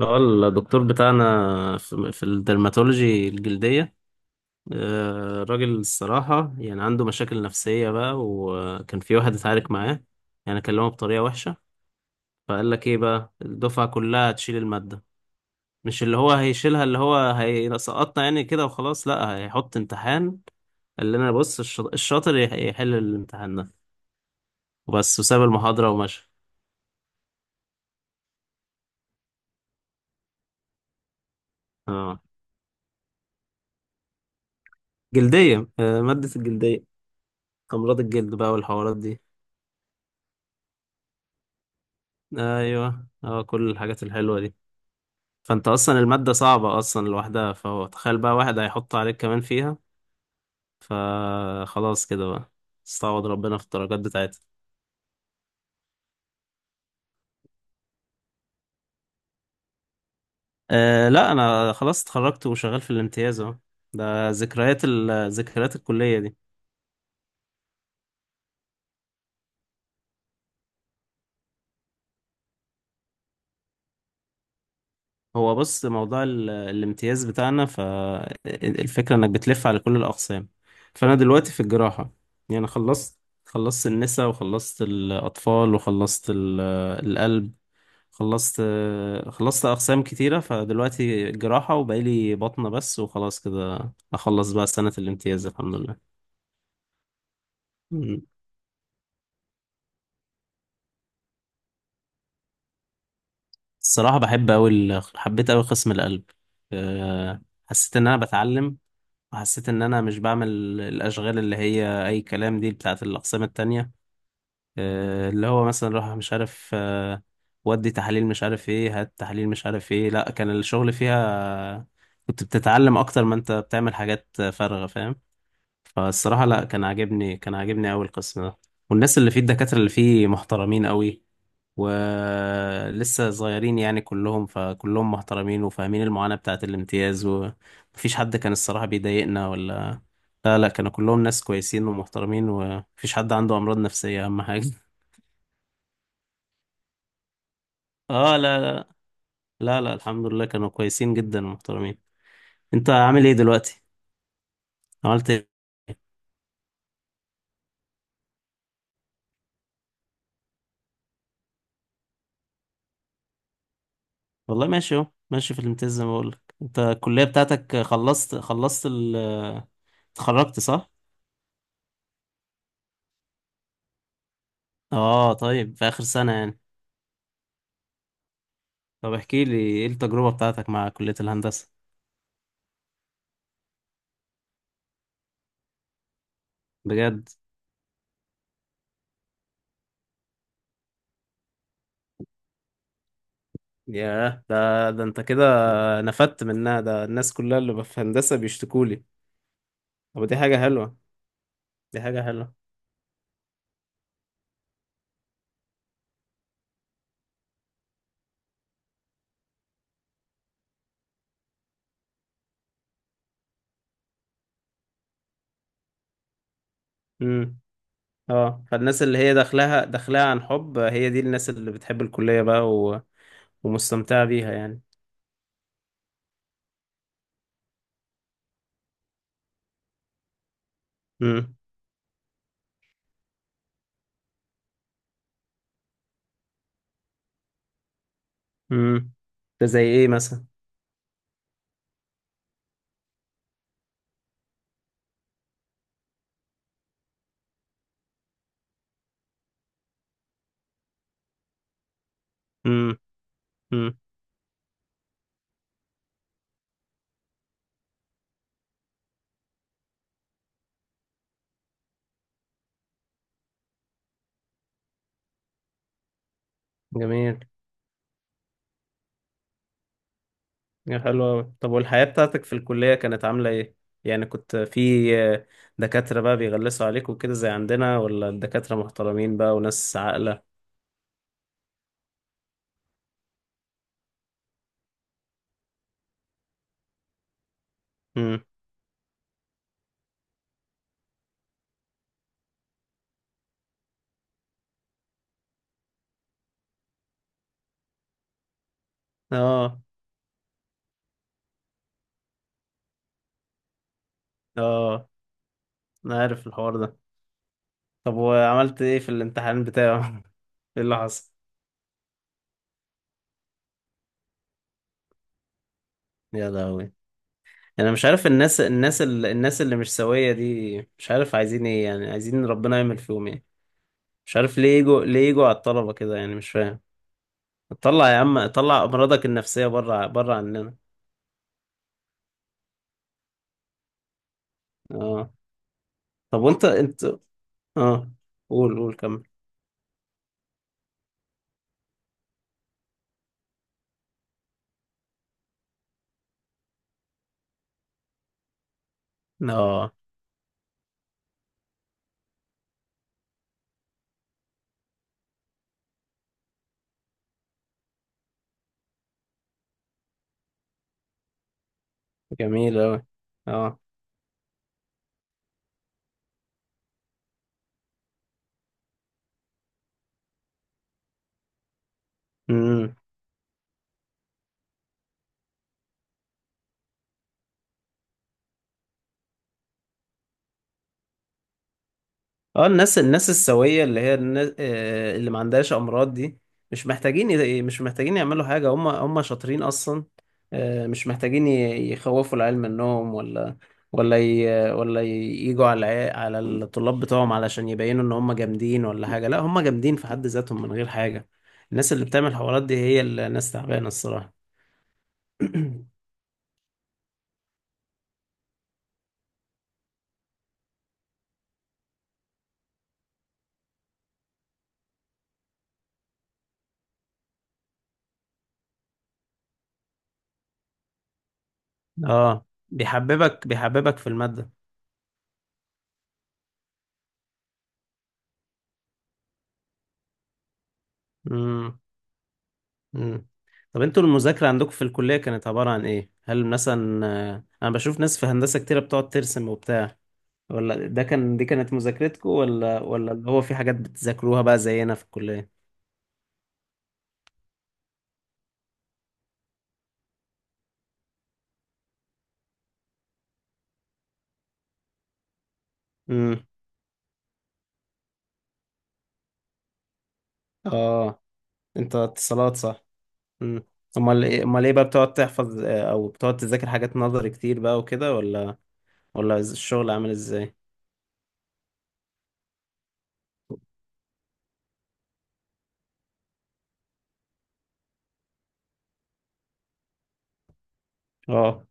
اه الدكتور بتاعنا في الدرماتولوجي الجلدية. راجل الصراحة يعني عنده مشاكل نفسية بقى، وكان في واحد اتعارك معاه يعني كلمه بطريقة وحشة. فقال لك ايه بقى، الدفعة كلها هتشيل المادة. مش اللي هو هيشيلها، اللي هو هيسقطنا يعني كده وخلاص، لا هيحط امتحان. قال لنا بص، الشاطر يحل الامتحان ده وبس، وساب المحاضرة ومشى. اه، جلدية. آه، مادة الجلدية، أمراض الجلد بقى والحوارات دي. ايوه اه، كل الحاجات الحلوه دي. فانت اصلا الماده صعبه اصلا لوحدها، فهو تخيل بقى واحد هيحط عليك كمان فيها. فخلاص كده بقى، استعوض ربنا في الدرجات بتاعتها. أه لا، انا خلاص اتخرجت وشغال في الامتياز اهو. ده ذكريات ذكريات الكليه دي. هو بص، موضوع الامتياز بتاعنا، فالفكره انك بتلف على كل الاقسام. فانا دلوقتي في الجراحه، يعني خلصت. خلصت النساء وخلصت الأطفال وخلصت القلب. خلصت. خلصت أقسام كتيرة، فدلوقتي جراحة وبقالي بطنة بس، وخلاص كده أخلص بقى سنة الامتياز الحمد لله. مم. الصراحة بحب أوي حبيت أوي قسم القلب. أه، حسيت إن أنا بتعلم، وحسيت إن أنا مش بعمل الأشغال اللي هي أي كلام دي بتاعة الأقسام التانية. أه، اللي هو مثلا روح مش عارف أه، ودي تحاليل مش عارف إيه، هات تحاليل مش عارف إيه. لأ، كان الشغل فيها كنت بتتعلم أكتر ما أنت بتعمل حاجات فارغة، فاهم. فالصراحة لا، كان عاجبني، كان عاجبني أوي القسم ده. والناس اللي فيه، الدكاترة اللي فيه محترمين أوي، ولسه صغيرين يعني كلهم. فكلهم محترمين وفاهمين المعاناة بتاعة الامتياز، ومفيش حد كان الصراحة بيضايقنا ولا. لا، كانوا كلهم ناس كويسين ومحترمين، ومفيش حد عنده أمراض نفسية، أهم حاجة. اه لا لا. لا، الحمد لله كانوا كويسين جدا ومحترمين. انت عامل ايه دلوقتي؟ عملت ايه؟ والله ماشي اهو، ماشي في الامتياز زي ما بقولك. انت الكلية بتاعتك خلصت، خلصت، اتخرجت صح؟ اه طيب، في آخر سنة يعني. طب احكي لي ايه التجربة بتاعتك مع كلية الهندسة. بجد. ياه، ده انت كده نفدت منها. ده الناس كلها اللي في هندسة بيشتكوا لي. طب دي حاجة حلوة، دي حاجة حلوة. امم. اه، فالناس اللي هي داخلها، داخلها عن حب، هي دي الناس اللي بتحب الكلية بقى و... ومستمتعة بيها يعني. امم. امم. ده زي ايه مثلا؟ امم. امم. جميل. يا حلو أوي، طب والحياة بتاعتك في الكلية كانت عاملة إيه؟ يعني كنت في دكاترة بقى بيغلسوا عليك وكده زي عندنا، ولا الدكاترة محترمين بقى وناس عاقلة؟ امم. آه. آه أنا عارف الحوار ده. طب وعملت إيه في الامتحان بتاعه؟ إيه اللي حصل؟ يا لهوي. أنا مش عارف الناس، الناس الناس اللي مش سوية دي، مش عارف عايزين إيه يعني، عايزين ربنا يعمل فيهم إيه؟ مش عارف ليه يجوا، ليه يجوا على الطلبة كده يعني، مش فاهم. طلع يا عم، طلع أمراضك النفسية بره، بره عننا. آه. طب وانت، انت اه قول، قول كمل. اه جميل اوي. اه. امم. اه الناس، الناس السوية اللي هي الناس آه اللي ما عندهاش امراض دي، مش محتاجين مش محتاجين يعملوا حاجة، هم هم شاطرين اصلا. آه مش محتاجين يخوفوا العيال منهم ولا، ولا ي... ولا ي- يجوا على على الطلاب بتوعهم علشان يبينوا ان هم جامدين ولا حاجة. لا هم جامدين في حد ذاتهم من غير حاجة. الناس اللي بتعمل حوارات دي هي الناس تعبانة الصراحة. اه، بيحببك، بيحببك في المادة. امم. امم. طب انتوا المذاكرة عندكم في الكلية كانت عبارة عن ايه؟ هل مثلا آه، انا بشوف ناس في هندسة كتيرة بتقعد ترسم وبتاع، ولا ده كان، دي كانت مذاكرتكم، ولا ولا اللي هو في حاجات بتذاكروها بقى زينا في الكلية؟ امم. اه انت اتصالات صح؟ امم. امال ايه، امال ايه بقى، بتقعد تحفظ آه، او بتقعد تذاكر حاجات نظري كتير بقى وكده، ولا ولا الشغل عامل ازاي؟ اه.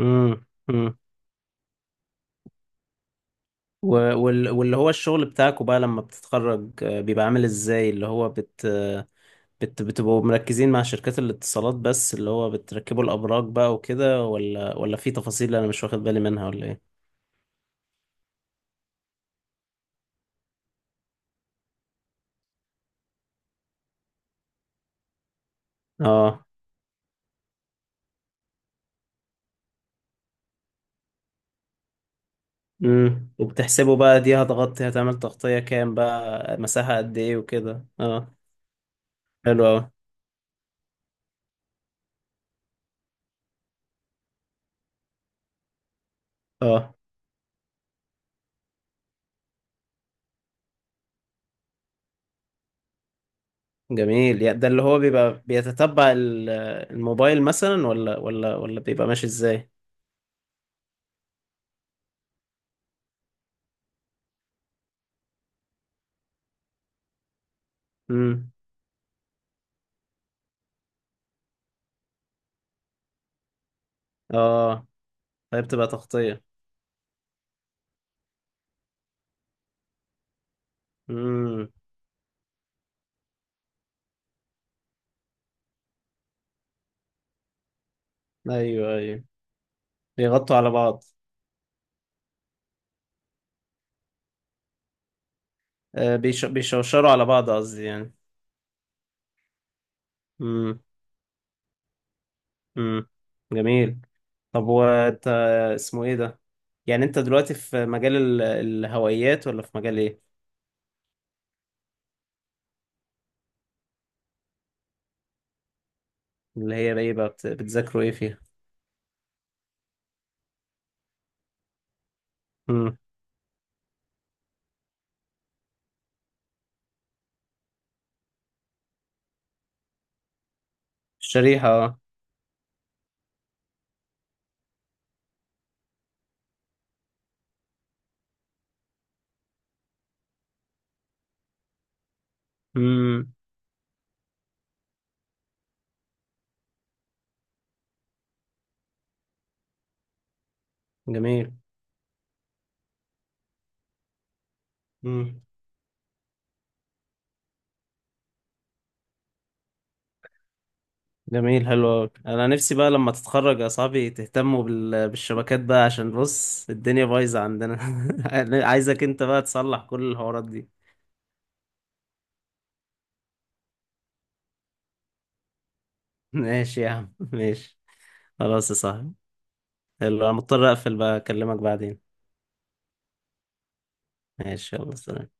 امم. و- واللي هو الشغل بتاعكوا بقى لما بتتخرج آه، بيبقى عامل ازاي؟ اللي هو بت آه، بت بتبقوا مركزين مع شركات الاتصالات بس، اللي هو بتركبوا الأبراج بقى وكده، ولا ولا في تفاصيل أنا مش واخد بالي منها، ولا ايه؟ اه. امم. وبتحسبوا بقى دي هتغطي، هتعمل تغطية كام بقى، مساحة قد ايه وكده اه. حلو اوي. اه. جميل، يعني ده اللي هو بيبقى بيتتبع الموبايل مثلا، ولا ولا ولا بيبقى ماشي ازاي؟ امم. اه. طيب بتبقى تغطية. امم. ايوه ايوه. بيغطوا على بعض. آه، بيشوشروا على بعض قصدي يعني. امم. امم. جميل. طب وانت، اسمه ايه ده، يعني انت دلوقتي في مجال الهوائيات، ولا في مجال ايه؟ اللي هي بقى ايه بقى، بتذاكروا ايه فيها؟ امم. الشريحة اه. امم. جميل. امم. جميل حلو أوي. انا نفسي بقى لما تتخرج يا صاحبي تهتموا بالشبكات بقى، عشان بص الدنيا بايظة عندنا. عايزك انت بقى تصلح كل الحوارات دي. ماشي يا عم، ماشي. خلاص يا صاحبي. يلا، انا مضطر اقفل بقى، اكلمك بعدين. ماشي، يلا سلام.